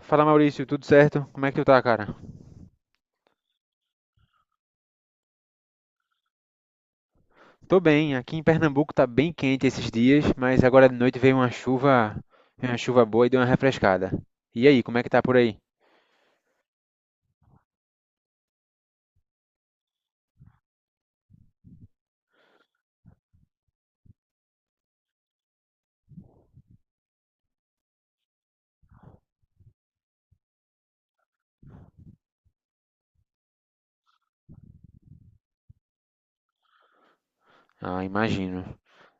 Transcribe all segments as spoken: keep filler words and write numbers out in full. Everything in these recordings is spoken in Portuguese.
Fala Maurício, tudo certo? Como é que tu tá, cara? Tô bem, aqui em Pernambuco tá bem quente esses dias, mas agora de noite veio uma chuva, veio uma chuva boa e deu uma refrescada. E aí, como é que tá por aí? Ah, imagino.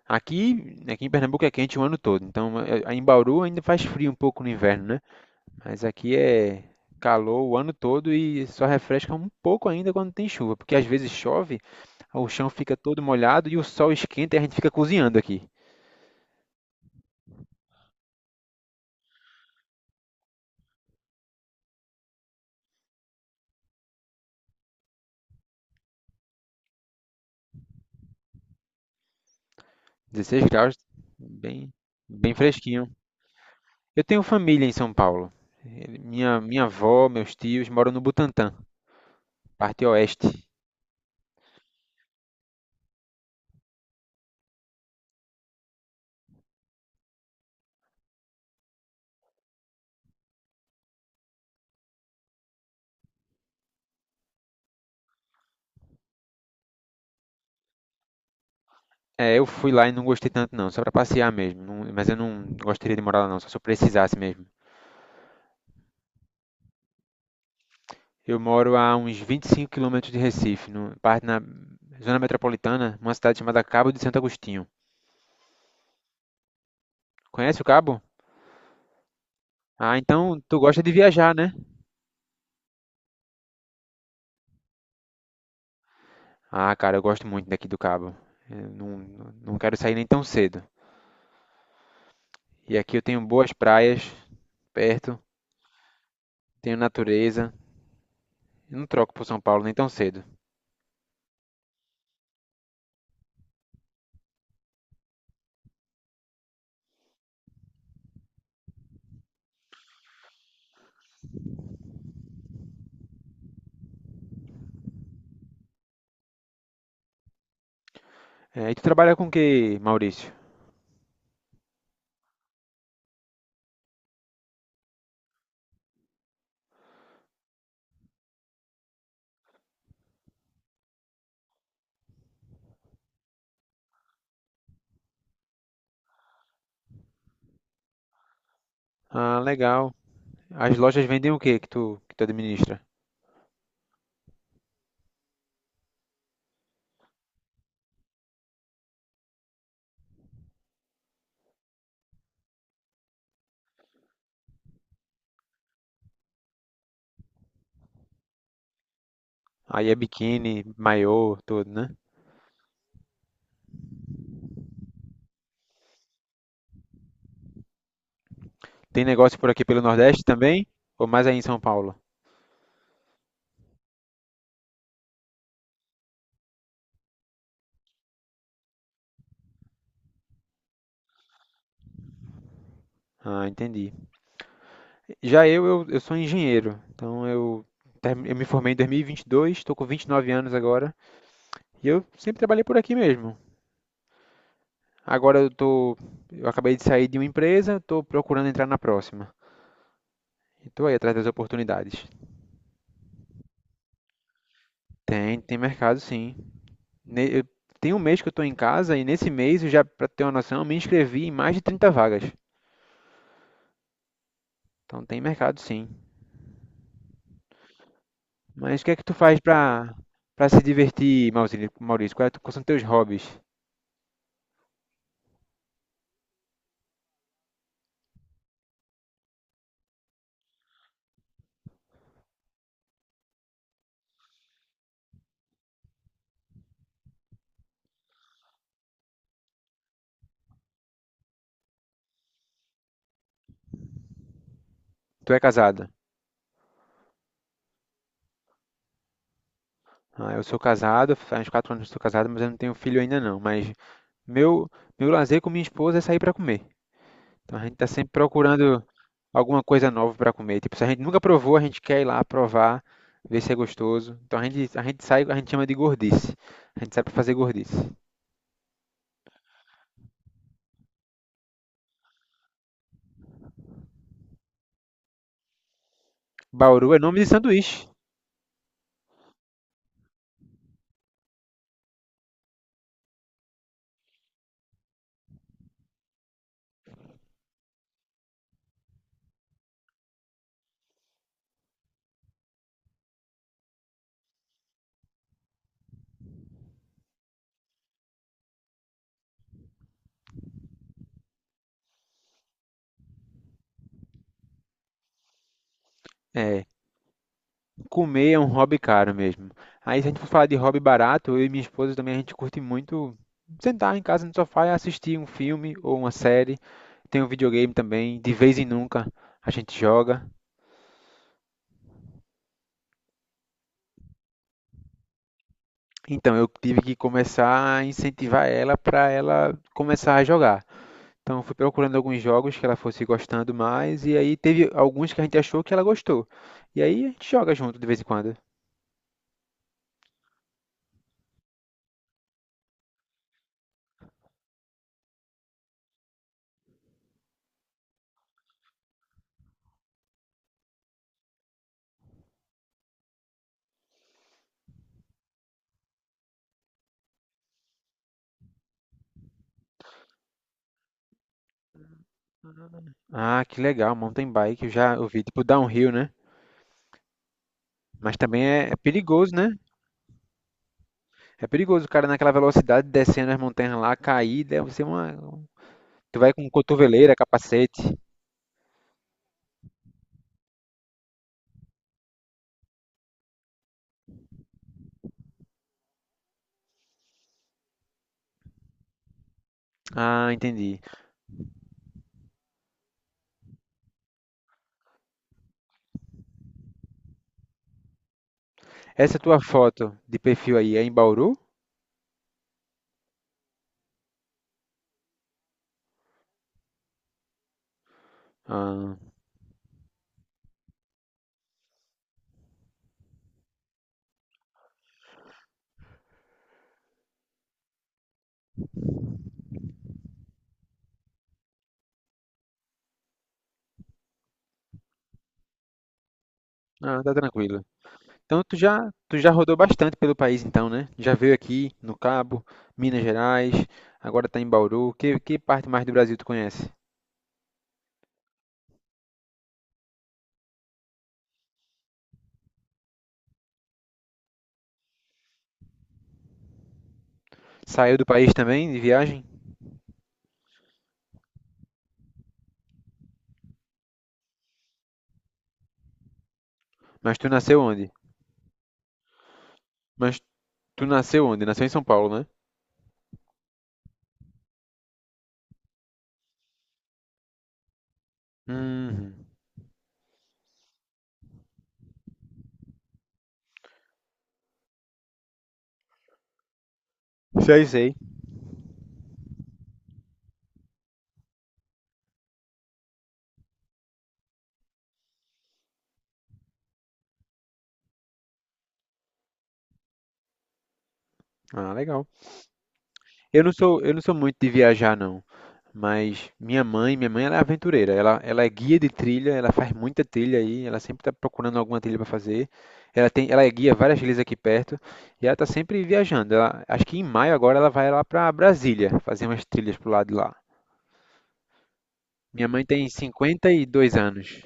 Aqui, aqui em Pernambuco é quente o ano todo, então eh, em Bauru ainda faz frio um pouco no inverno, né? Mas aqui é calor o ano todo e só refresca um pouco ainda quando tem chuva, porque às vezes chove, o chão fica todo molhado e o sol esquenta e a gente fica cozinhando aqui. dezesseis graus, bem, bem fresquinho. Eu tenho família em São Paulo. Ele- Minha, minha avó, meus tios moram no Butantã, parte oeste. É, eu fui lá e não gostei tanto não, só para passear mesmo. Não- mas eu não gostaria de morar lá não, só se eu precisasse mesmo. Eu moro a uns vinte e cinco quilômetros de Recife, no, parte na zona metropolitana, numa cidade chamada Cabo de Santo Agostinho. Conhece o Cabo? Ah, então tu gosta de viajar, né? Ah, cara, eu gosto muito daqui do Cabo. Eu não, não quero sair nem tão cedo. E aqui eu tenho boas praias perto, tenho natureza. Eu não troco pro São Paulo nem tão cedo. É, e tu trabalha com o que, Maurício? Ah, legal. As lojas vendem o que que tu, que tu administra? Aí é biquíni, maiô, tudo, né? Tem negócio por aqui pelo Nordeste também? Ou mais aí em São Paulo? Ah, entendi. Já eu, eu, eu sou engenheiro. Então eu, term- eu me formei em dois mil e vinte e dois, estou com vinte e nove anos agora. E eu sempre trabalhei por aqui mesmo. Agora eu tô, eu acabei de sair de uma empresa, estou procurando entrar na próxima. E tô aí atrás das oportunidades. Tem, tem mercado sim. Ne- eu- Tem um mês que eu estou em casa e nesse mês eu já, para ter uma noção, eu me inscrevi em mais de trinta vagas. Então tem mercado sim. Mas o que é que tu faz para para se divertir, Maurício? Maurício, qual é quais são teus hobbies? Tu é casado? Ah, eu sou casado, faz uns quatro anos que eu sou casado, mas eu não tenho filho ainda não. Mas meu meu lazer com minha esposa é sair para comer. Então a gente está sempre procurando alguma coisa nova para comer. Tipo, se a gente nunca provou, a gente quer ir lá provar, ver se é gostoso. Então a gente a gente sai, a gente chama de gordice. A gente sai para fazer gordice. Bauru é nome de sanduíche. É, comer é um hobby caro mesmo. Aí, se a gente for falar de hobby barato, eu e minha esposa também, a gente curte muito sentar em casa no sofá e assistir um filme ou uma série. Tem um videogame também, de vez em nunca a gente joga. Então, eu tive que começar a incentivar ela para ela começar a jogar. Então, eu fui procurando alguns jogos que ela fosse gostando mais, e aí teve alguns que a gente achou que ela gostou. E aí a gente joga junto de vez em quando. Ah, que legal, mountain bike, eu já ouvi, tipo downhill, né? Mas também é, é perigoso, né? É perigoso o cara naquela velocidade descendo as montanhas lá, cair, deve ser uma. Tu vai com cotoveleira, capacete. Ah, entendi. Essa tua foto de perfil aí é em Bauru? Ah, ah, tá tranquilo. Então tu já, tu já rodou bastante pelo país então, né? Já veio aqui no Cabo, Minas Gerais, agora tá em Bauru. Que, que parte mais do Brasil tu conhece? Saiu do país também de viagem? Mas tu nasceu onde? Mas tu nasceu onde? Nasceu em São Paulo, né? Hum, sei, sei. Ah, legal. Eu não sou, eu não sou muito de viajar, não. Mas minha mãe, minha mãe ela é aventureira. Ela, ela é guia de trilha, ela faz muita trilha aí, ela sempre está procurando alguma trilha para fazer. Ela tem, ela é guia várias trilhas aqui perto e ela está sempre viajando. Ela, acho que em maio agora ela vai lá para Brasília fazer umas trilhas pro lado de lá. Minha mãe tem cinquenta e dois anos.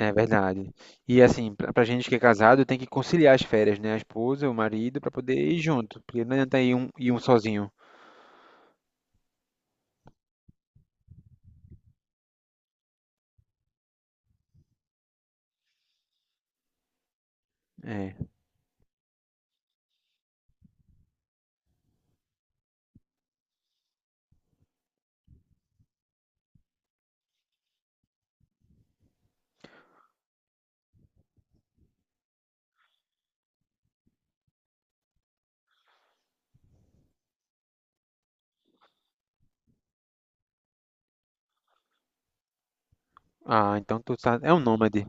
É verdade. E assim, pra, pra gente que é casado, tem que conciliar as férias, né? A esposa, o marido, para poder ir junto, porque não adianta ir um, ir um sozinho. É. Ah, então tu tá... é um nômade.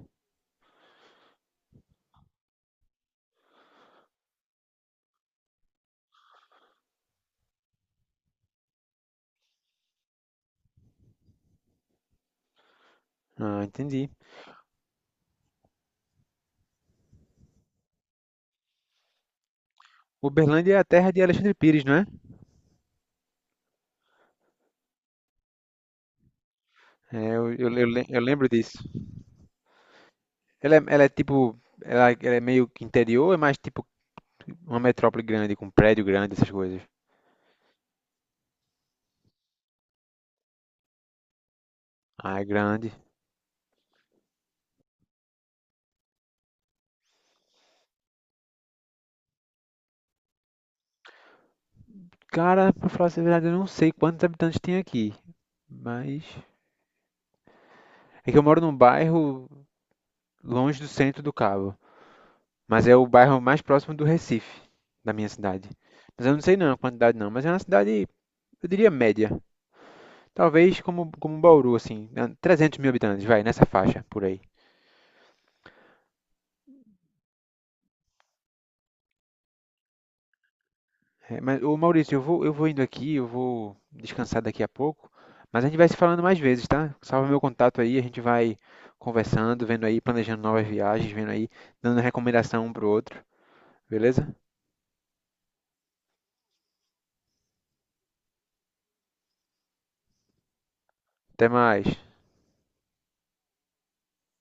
Ah, entendi. Uberlândia é a terra de Alexandre Pires, não é? É, eu, eu, eu le- eu lembro disso. Ela é, ela é tipo, ela, ela é meio que interior, ou é mais tipo uma metrópole grande, com prédio grande, essas coisas. Ah, é grande. Cara, pra falar a verdade, eu não sei quantos habitantes tem aqui, mas é que eu moro num bairro longe do centro do Cabo, mas é o bairro mais próximo do Recife, da minha cidade. Mas eu não sei não a quantidade não, mas é uma cidade, eu diria média. Talvez como, como um Bauru, assim, né, trezentos mil habitantes, vai, nessa faixa por aí. É, mas, ô Maurício, eu vou, eu vou indo aqui, eu vou descansar daqui a pouco, mas a gente vai se falando mais vezes, tá? Salva meu contato aí, a gente vai conversando, vendo aí, planejando novas viagens, vendo aí, dando recomendação um pro outro, beleza? Até mais.